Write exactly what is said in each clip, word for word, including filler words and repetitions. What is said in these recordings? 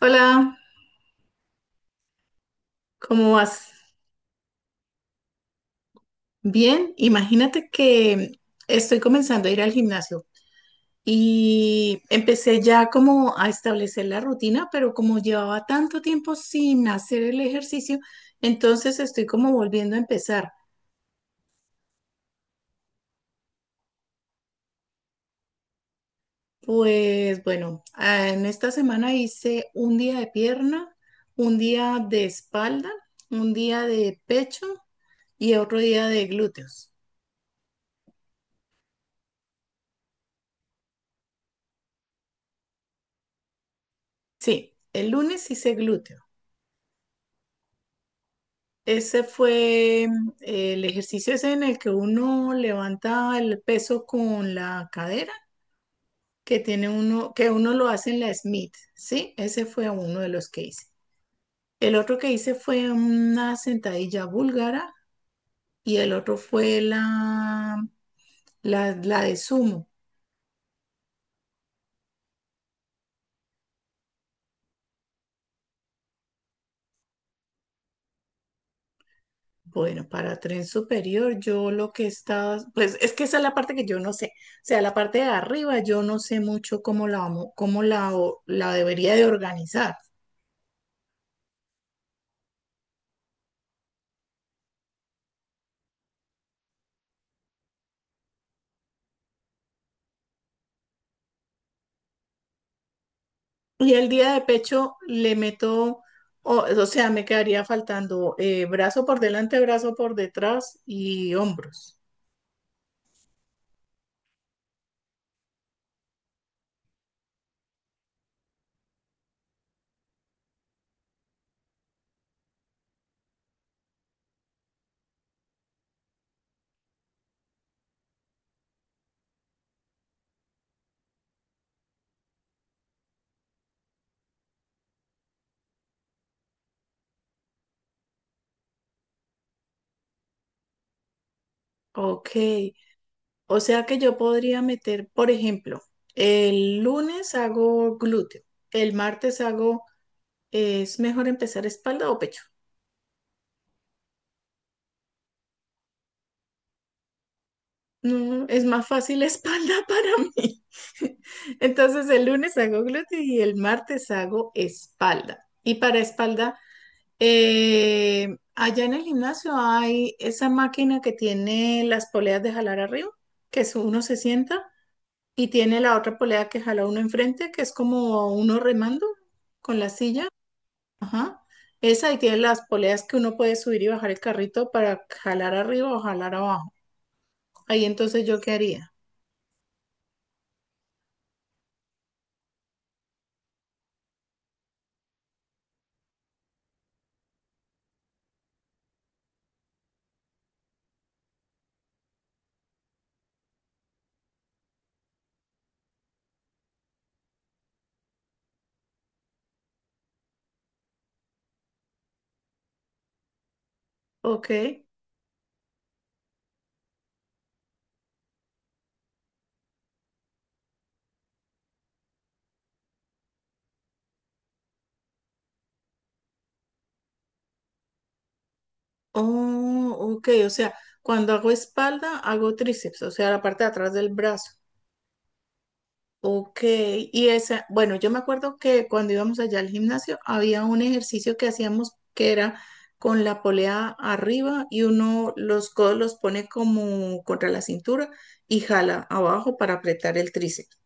Hola, ¿cómo vas? Bien, imagínate que estoy comenzando a ir al gimnasio y empecé ya como a establecer la rutina, pero como llevaba tanto tiempo sin hacer el ejercicio, entonces estoy como volviendo a empezar. Pues bueno, ah, en esta semana hice un día de pierna, un día de espalda, un día de pecho y otro día de glúteos. Sí, el lunes hice glúteos. Ese fue mm, el ejercicio ese en el que uno levanta el peso con la cadera, que tiene uno, que uno lo hace en la Smith, ¿sí? Ese fue uno de los que hice. El otro que hice fue una sentadilla búlgara y el otro fue la, la, la de sumo. Bueno, para tren superior, yo lo que estaba, pues es que esa es la parte que yo no sé. O sea, la parte de arriba, yo no sé mucho cómo la, vamo- cómo la, o- la debería de organizar. Y el día de pecho le meto, o, o sea, me quedaría faltando eh, brazo por delante, brazo por detrás y hombros. Ok, o sea que yo podría meter, por ejemplo, el lunes hago glúteo, el martes hago, ¿es mejor empezar espalda o pecho? No, es más fácil espalda para mí. Entonces el lunes hago glúteo y el martes hago espalda. Y para espalda. Eh, allá en el gimnasio hay esa máquina que tiene las poleas de jalar arriba, que es uno se sienta y tiene la otra polea que jala uno enfrente, que es como uno remando con la silla. Ajá. Esa y tiene las poleas que uno puede subir y bajar el carrito para jalar arriba o jalar abajo. Ahí entonces yo qué haría. Ok. Oh, ok. O sea, cuando hago espalda, hago tríceps, o sea, la parte de atrás del brazo. Ok, y esa, bueno, yo me acuerdo que cuando íbamos allá al gimnasio había un ejercicio que hacíamos que era con la polea arriba y uno los codos los pone como contra la cintura y jala abajo para apretar el tríceps.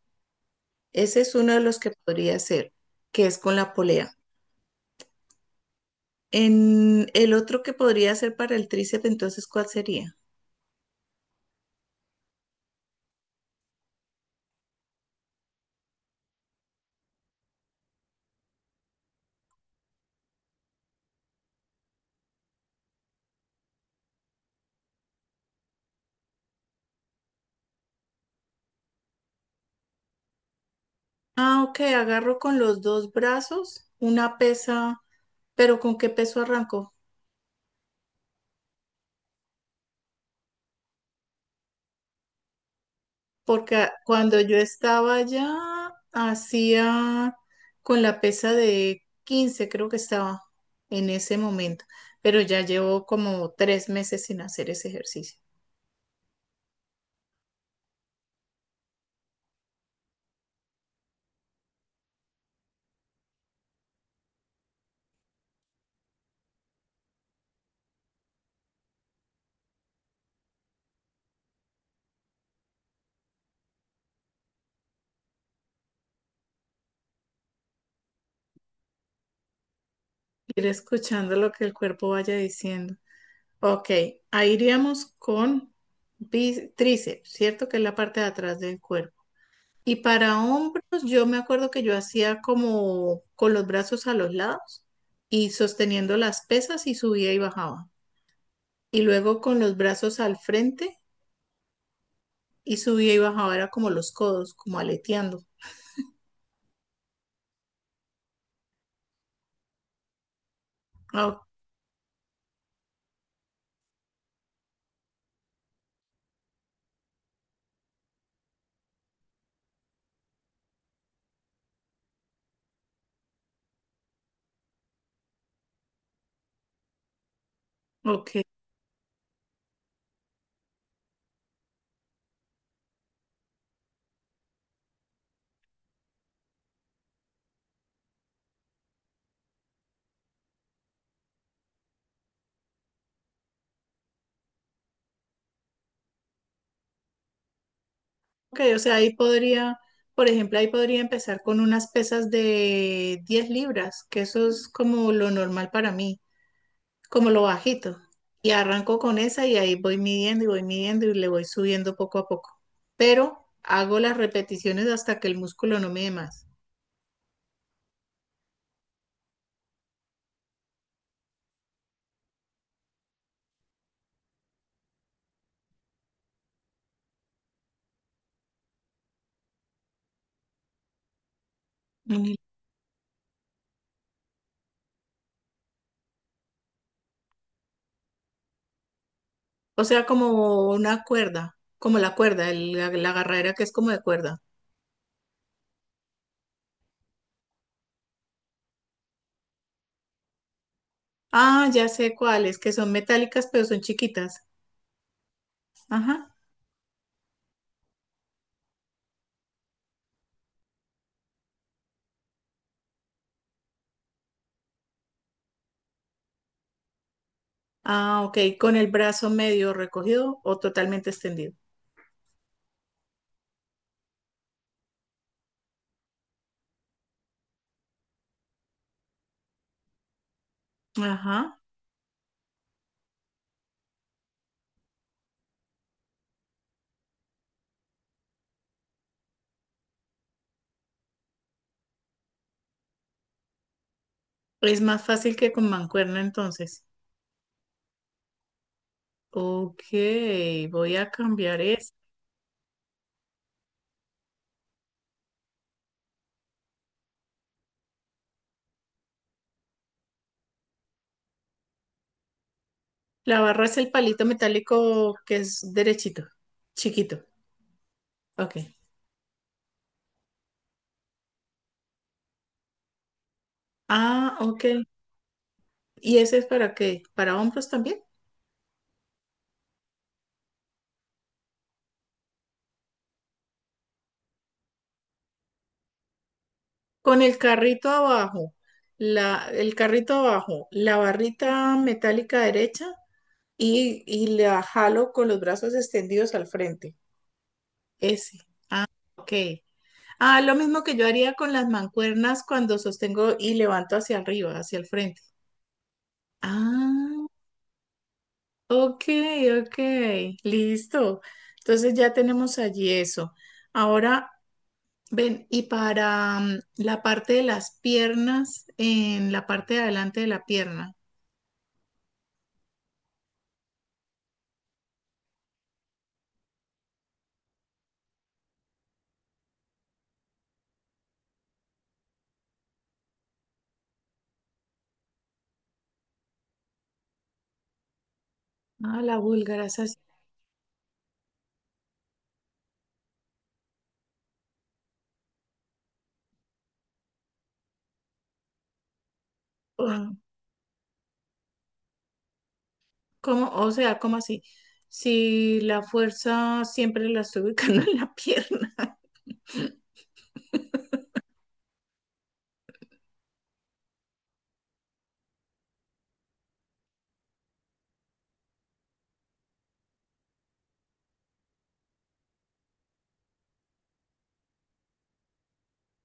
Ese es uno de los que podría hacer, que es con la polea. En el otro que podría ser para el tríceps, entonces, ¿cuál sería? Ah, ok, agarro con los dos brazos una pesa, pero ¿con qué peso arranco? Porque a- cuando yo estaba allá, hacía con la pesa de quince creo que estaba en ese momento, pero ya llevo como tres meses sin hacer ese ejercicio. Ir escuchando lo que el cuerpo vaya diciendo. Ok, ahí iríamos con bis- tríceps, ¿cierto? Que es la parte de atrás del cuerpo. Y para hombros, yo me acuerdo que yo hacía como con los brazos a los lados y sosteniendo las pesas y subía y bajaba. Y luego con los brazos al frente y subía y bajaba, era como los codos, como aleteando. Ah, ok, ok, o sea, ahí podría, por ejemplo, ahí podría empezar con unas pesas de diez libras, que eso es como lo normal para mí. Como lo bajito. Y arranco con esa y ahí voy midiendo y voy midiendo y le voy subiendo poco a poco. Pero hago las repeticiones hasta que el músculo no me dé más. Mm. O sea, como una cuerda, como la cuerda, el- la, la agarradera que es como de cuerda. Ah, ya sé cuáles, que son metálicas pero son chiquitas. Ajá. Ah, ok, con el brazo medio recogido o totalmente extendido. Ajá. Es más fácil que con mancuerna entonces. Ok, voy a cambiar eso. La barra es el palito metálico que es derechito, chiquito. Ok. Ah, ok. ¿Y ese es para qué? ¿Para hombros también? Con el carrito abajo, la, el carrito abajo, la barrita metálica derecha y, y la jalo con los brazos extendidos al frente. Ese. Ok. Ah, lo mismo que yo haría con las mancuernas cuando sostengo y levanto hacia arriba, hacia el frente. Ah. Ok, ok, listo. Entonces ya tenemos allí eso. Ahora, ven, y para mm, la parte de las piernas, en la parte de adelante de la pierna. Ah, la búlgara, esa es, ah, ¿cómo? O sea, ¿cómo así? Si la fuerza siempre la estoy ubicando en la pierna.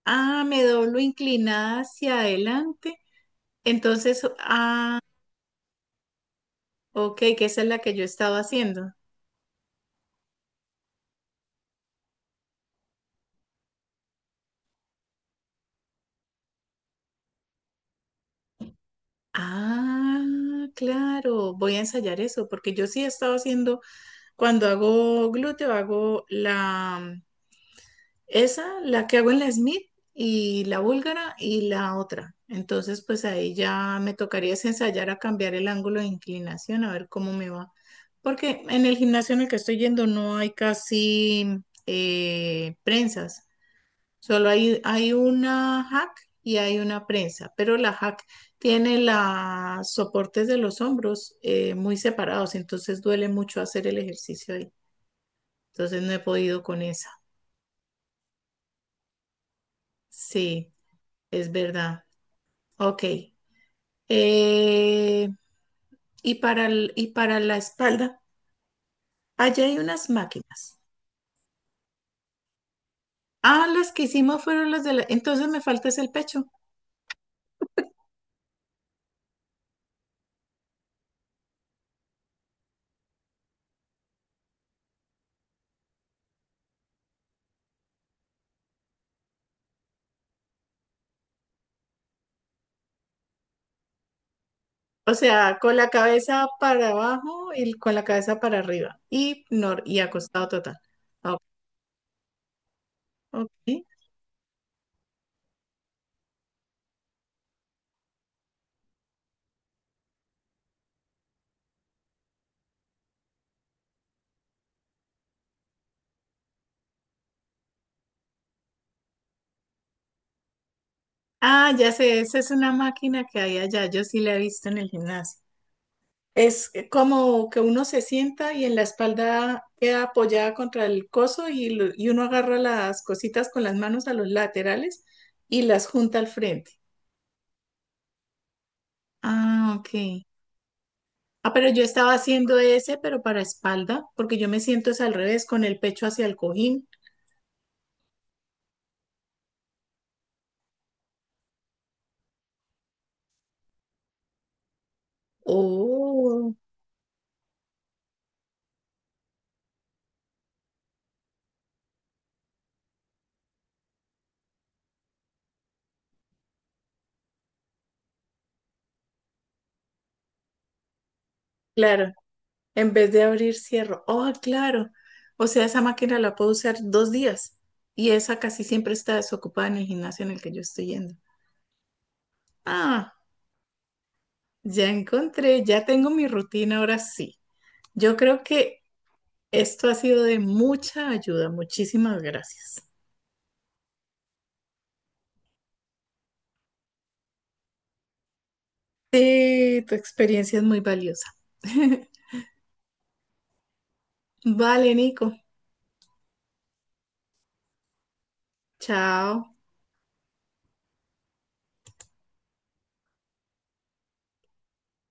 Ah, me doblo inclinada hacia adelante. Entonces, ah, ok, que esa es la que yo estaba haciendo. Ah, claro, voy a ensayar eso, porque yo sí he estado haciendo, cuando hago glúteo, hago la, esa, la que hago en la Smith y la búlgara y la otra. Entonces, pues ahí ya me tocaría es ensayar a cambiar el ángulo de inclinación, a ver cómo me va. Porque en el gimnasio en el que estoy yendo no hay casi eh, prensas. Solo hay, hay una hack y hay una prensa, pero la hack tiene los soportes de los hombros eh, muy separados, entonces duele mucho hacer el ejercicio ahí. Entonces no he podido con esa. Sí, es verdad. Ok. Eh, y para el- y para la espalda, allá hay unas máquinas. Ah, las que hicimos fueron las de la. Entonces me falta es el pecho. O sea, con la cabeza para abajo y con la cabeza para arriba. Y, nor y acostado total. Ah, Ok. Ok. Ah, ya sé, esa es una máquina que hay allá. Yo sí la he visto en el gimnasio. Es como que uno se sienta y en la espalda queda apoyada contra el coso y, lo- y uno agarra las cositas con las manos a los laterales y las junta al frente. Ah, ok. Ah, pero yo estaba haciendo ese, pero para espalda, porque yo me siento es al revés, con el pecho hacia el cojín. Oh, claro. En vez de abrir, cierro. Oh, claro. O sea, esa máquina la puedo usar dos días. Y esa casi siempre está desocupada en el gimnasio en el que yo estoy yendo. Ah, ya encontré, ya tengo mi rutina ahora sí. Yo creo que esto ha sido de mucha ayuda. Muchísimas gracias. Sí, tu experiencia es muy valiosa. Vale, Nico. Chao.